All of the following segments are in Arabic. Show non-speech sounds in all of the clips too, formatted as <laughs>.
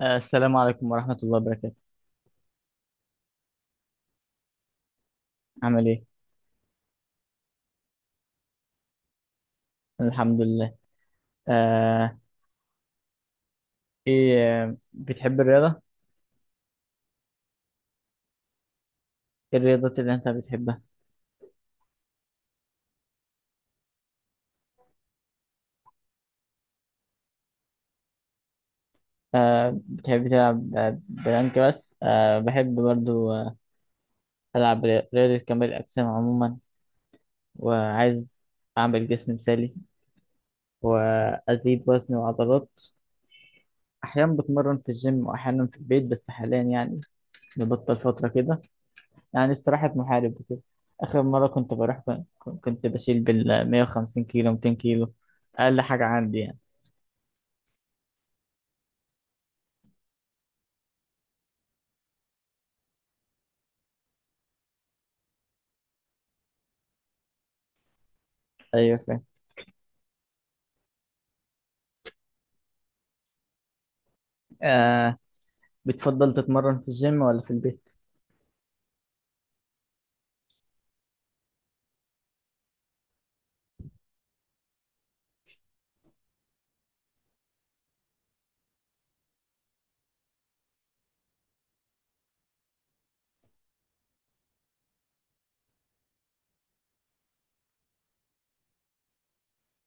السلام عليكم ورحمة الله وبركاته. عامل ايه؟ الحمد لله. آه، ايه. بتحب الرياضة؟ ايه الرياضات اللي انت بتحبها؟ بتحب تلعب بلانك بس؟ بحب برضو ألعب رياضة كمال الأجسام عموما، وعايز أعمل جسم مثالي وأزيد وزن وعضلات. أحيانا بتمرن في الجيم وأحيانا في البيت، بس حاليا يعني نبطل فترة كده، يعني استراحة محارب وكده. آخر مرة كنت بشيل بال 150 كيلو 200 كيلو، أقل حاجة عندي يعني. أيوة فاهم. آه بتفضل تتمرن في الجيم ولا في البيت؟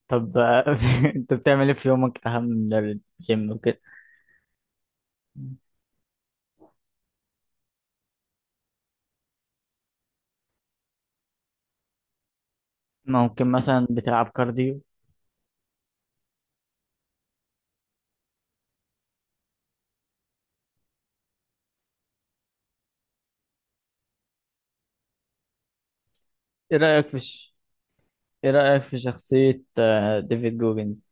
طب، <laughs> أنت بتعمل إيه في يومك أهم من الجيم وكده؟ ممكن مثلا بتلعب كارديو؟ إيه رأيك في ش... إيه رأيك في شخصية ديفيد جوجنز؟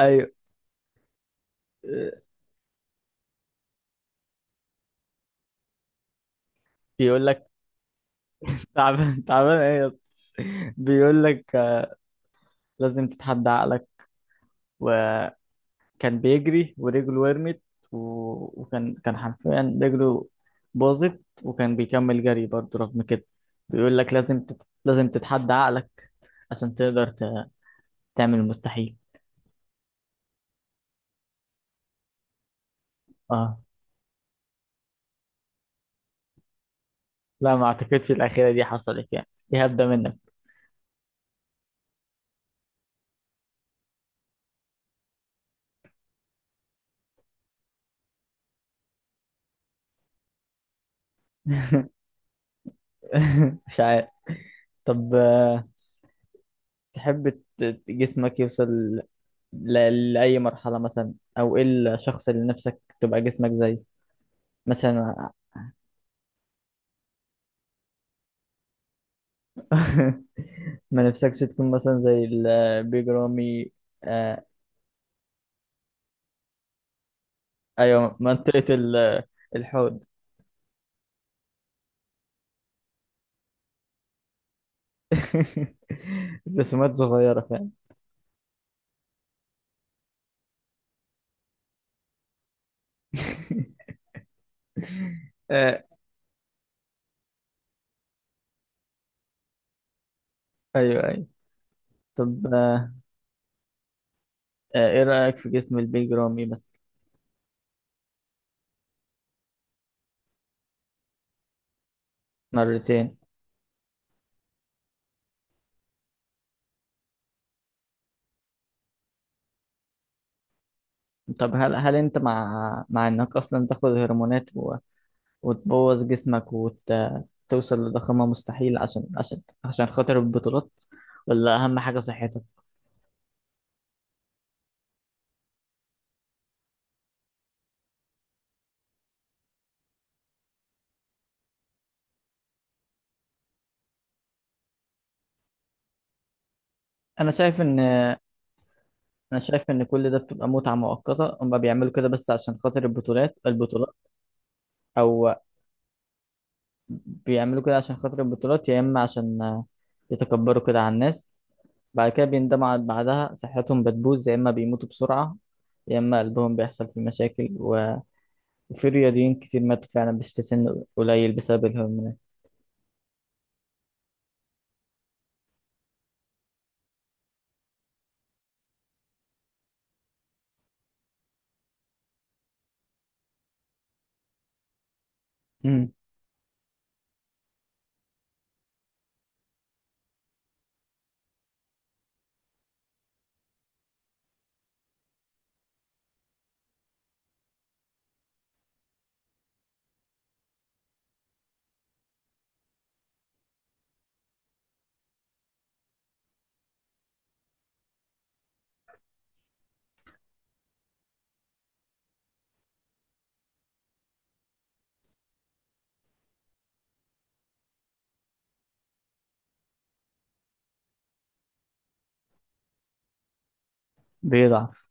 أيوة. آه، بيقول لك، <laughs> تعبان تعبان إيه يا اسطى؟ بيقول لك لازم تتحدى عقلك، و كان بيجري ورجله ورمت و... وكان حرفيا رجله باظت، وكان بيكمل جري برضه رغم كده. بيقول لك لازم تتحدى عقلك، عشان تقدر تعمل المستحيل. اه، لا، ما اعتقدش الاخيره دي حصلت، يعني دي هبده منك. <laughs> مش عارف. طب، تحب جسمك يوصل لأي مرحلة مثلا، أو إيه الشخص اللي نفسك تبقى جسمك زيه مثلا؟ <laughs> ما نفسكش تكون مثلا زي البيج رامي؟ آه ايوه، منطقة الحوض. <laughs> رسومات صغيرة فاهم. <laughs> آه ايوه، ايوه. طب، ايه رأيك في جسم البيج رامي بس؟ مرتين. طب، هل انت مع انك اصلا تاخد هرمونات وتبوظ جسمك، وتوصل لضخامة مستحيل، عشان عشان خاطر البطولات، ولا اهم حاجة صحتك؟ انا شايف ان انا شايف ان كل ده بتبقى متعه مؤقته، هم بيعملوا كده بس عشان خاطر البطولات، او بيعملوا كده عشان خاطر البطولات، يا اما عشان يتكبروا كده على الناس. بعد كده بيندموا بعدها صحتهم بتبوظ، يا اما بيموتوا بسرعه، يا اما قلبهم بيحصل فيه مشاكل وفي رياضيين كتير ماتوا فعلا، بس في سن قليل، بسبب الهرمونات. امم بيضعف.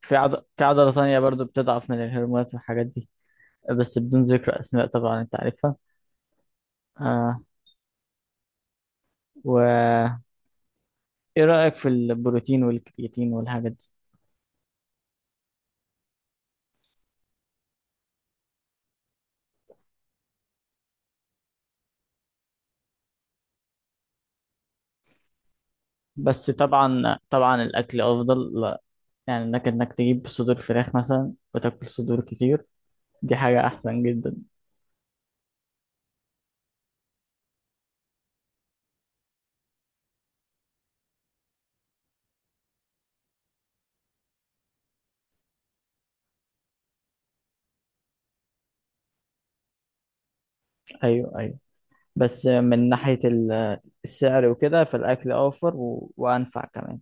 في عضله ثانيه برضو بتضعف من الهرمونات والحاجات دي، بس بدون ذكر اسماء طبعا، انت عارفها. آه و ايه رأيك في البروتين والكرياتين والحاجات دي؟ بس طبعا طبعا الاكل افضل، لا يعني انك تجيب صدور فراخ مثلا وتاكل صدور كتير، دي حاجة احسن جدا. ايوه، ايوه. بس من ناحية السعر وكده، فالاكل اوفر وانفع كمان.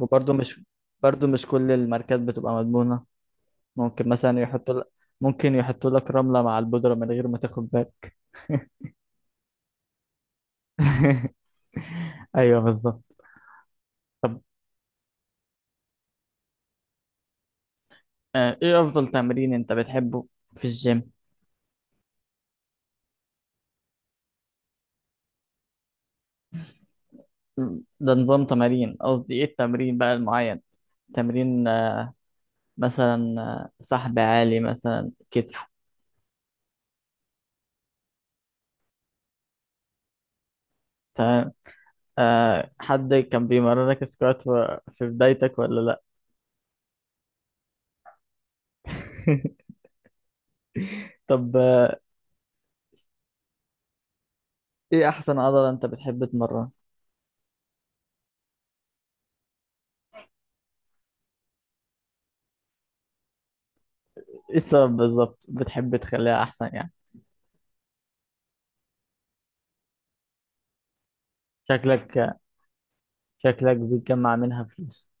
وبرضه مش برضه مش كل الماركات بتبقى مضمونة، ممكن مثلا يحطوا لك ممكن يحطوا لك رملة مع البودرة من غير ما تاخد بالك. <laughs> ايوه بالظبط. طب ايه افضل تمرين انت بتحبه في الجيم؟ ده نظام تمارين، قصدي ايه التمرين بقى المعين، تمرين مثلا سحب عالي مثلا، كتف. تمام. حد كان بيمرنك سكوات في بدايتك ولا لا؟ <laughs> طب ايه احسن عضلة انت بتحب تمرن؟ ايه السبب بالظبط بتحب تخليها احسن يعني؟ شكلك شكلك بتجمع منها فلوس.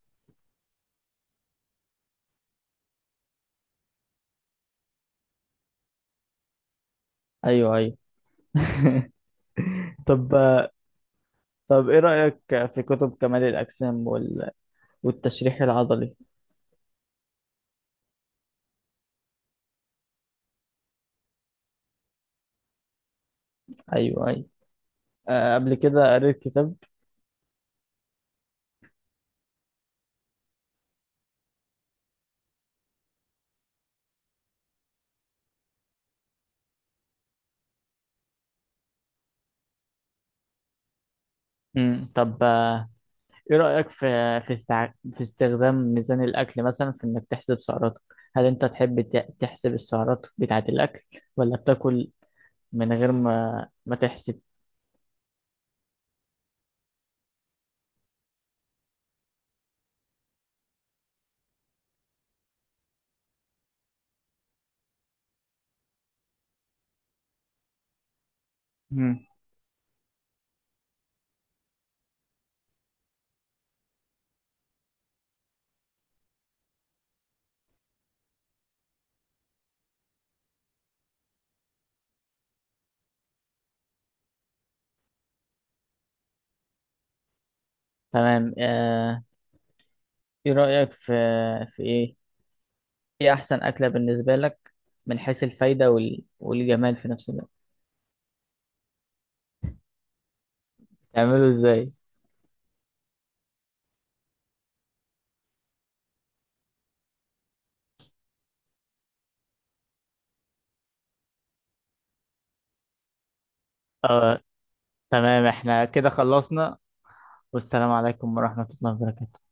ايوه، ايوه. <laughs> طب آه، طب ايه رأيك في كتب كمال الأجسام والتشريح العضلي؟ ايوه، ايوه. قبل كده قريت كتاب. مم. طب ايه رأيك في استخدام ميزان الأكل مثلا، في إنك تحسب سعراتك. هل أنت تحب تحسب السعرات بتاعة الأكل، ولا بتاكل من غير ما تحسب؟ مم. تمام. ايه رأيك. في في ايه ايه أحسن أكلة بالنسبة لك، من حيث الفايدة والجمال في نفس الوقت؟ تعمله ازاي؟ اه، تمام، احنا كده خلصنا. والسلام عليكم ورحمة الله وبركاته.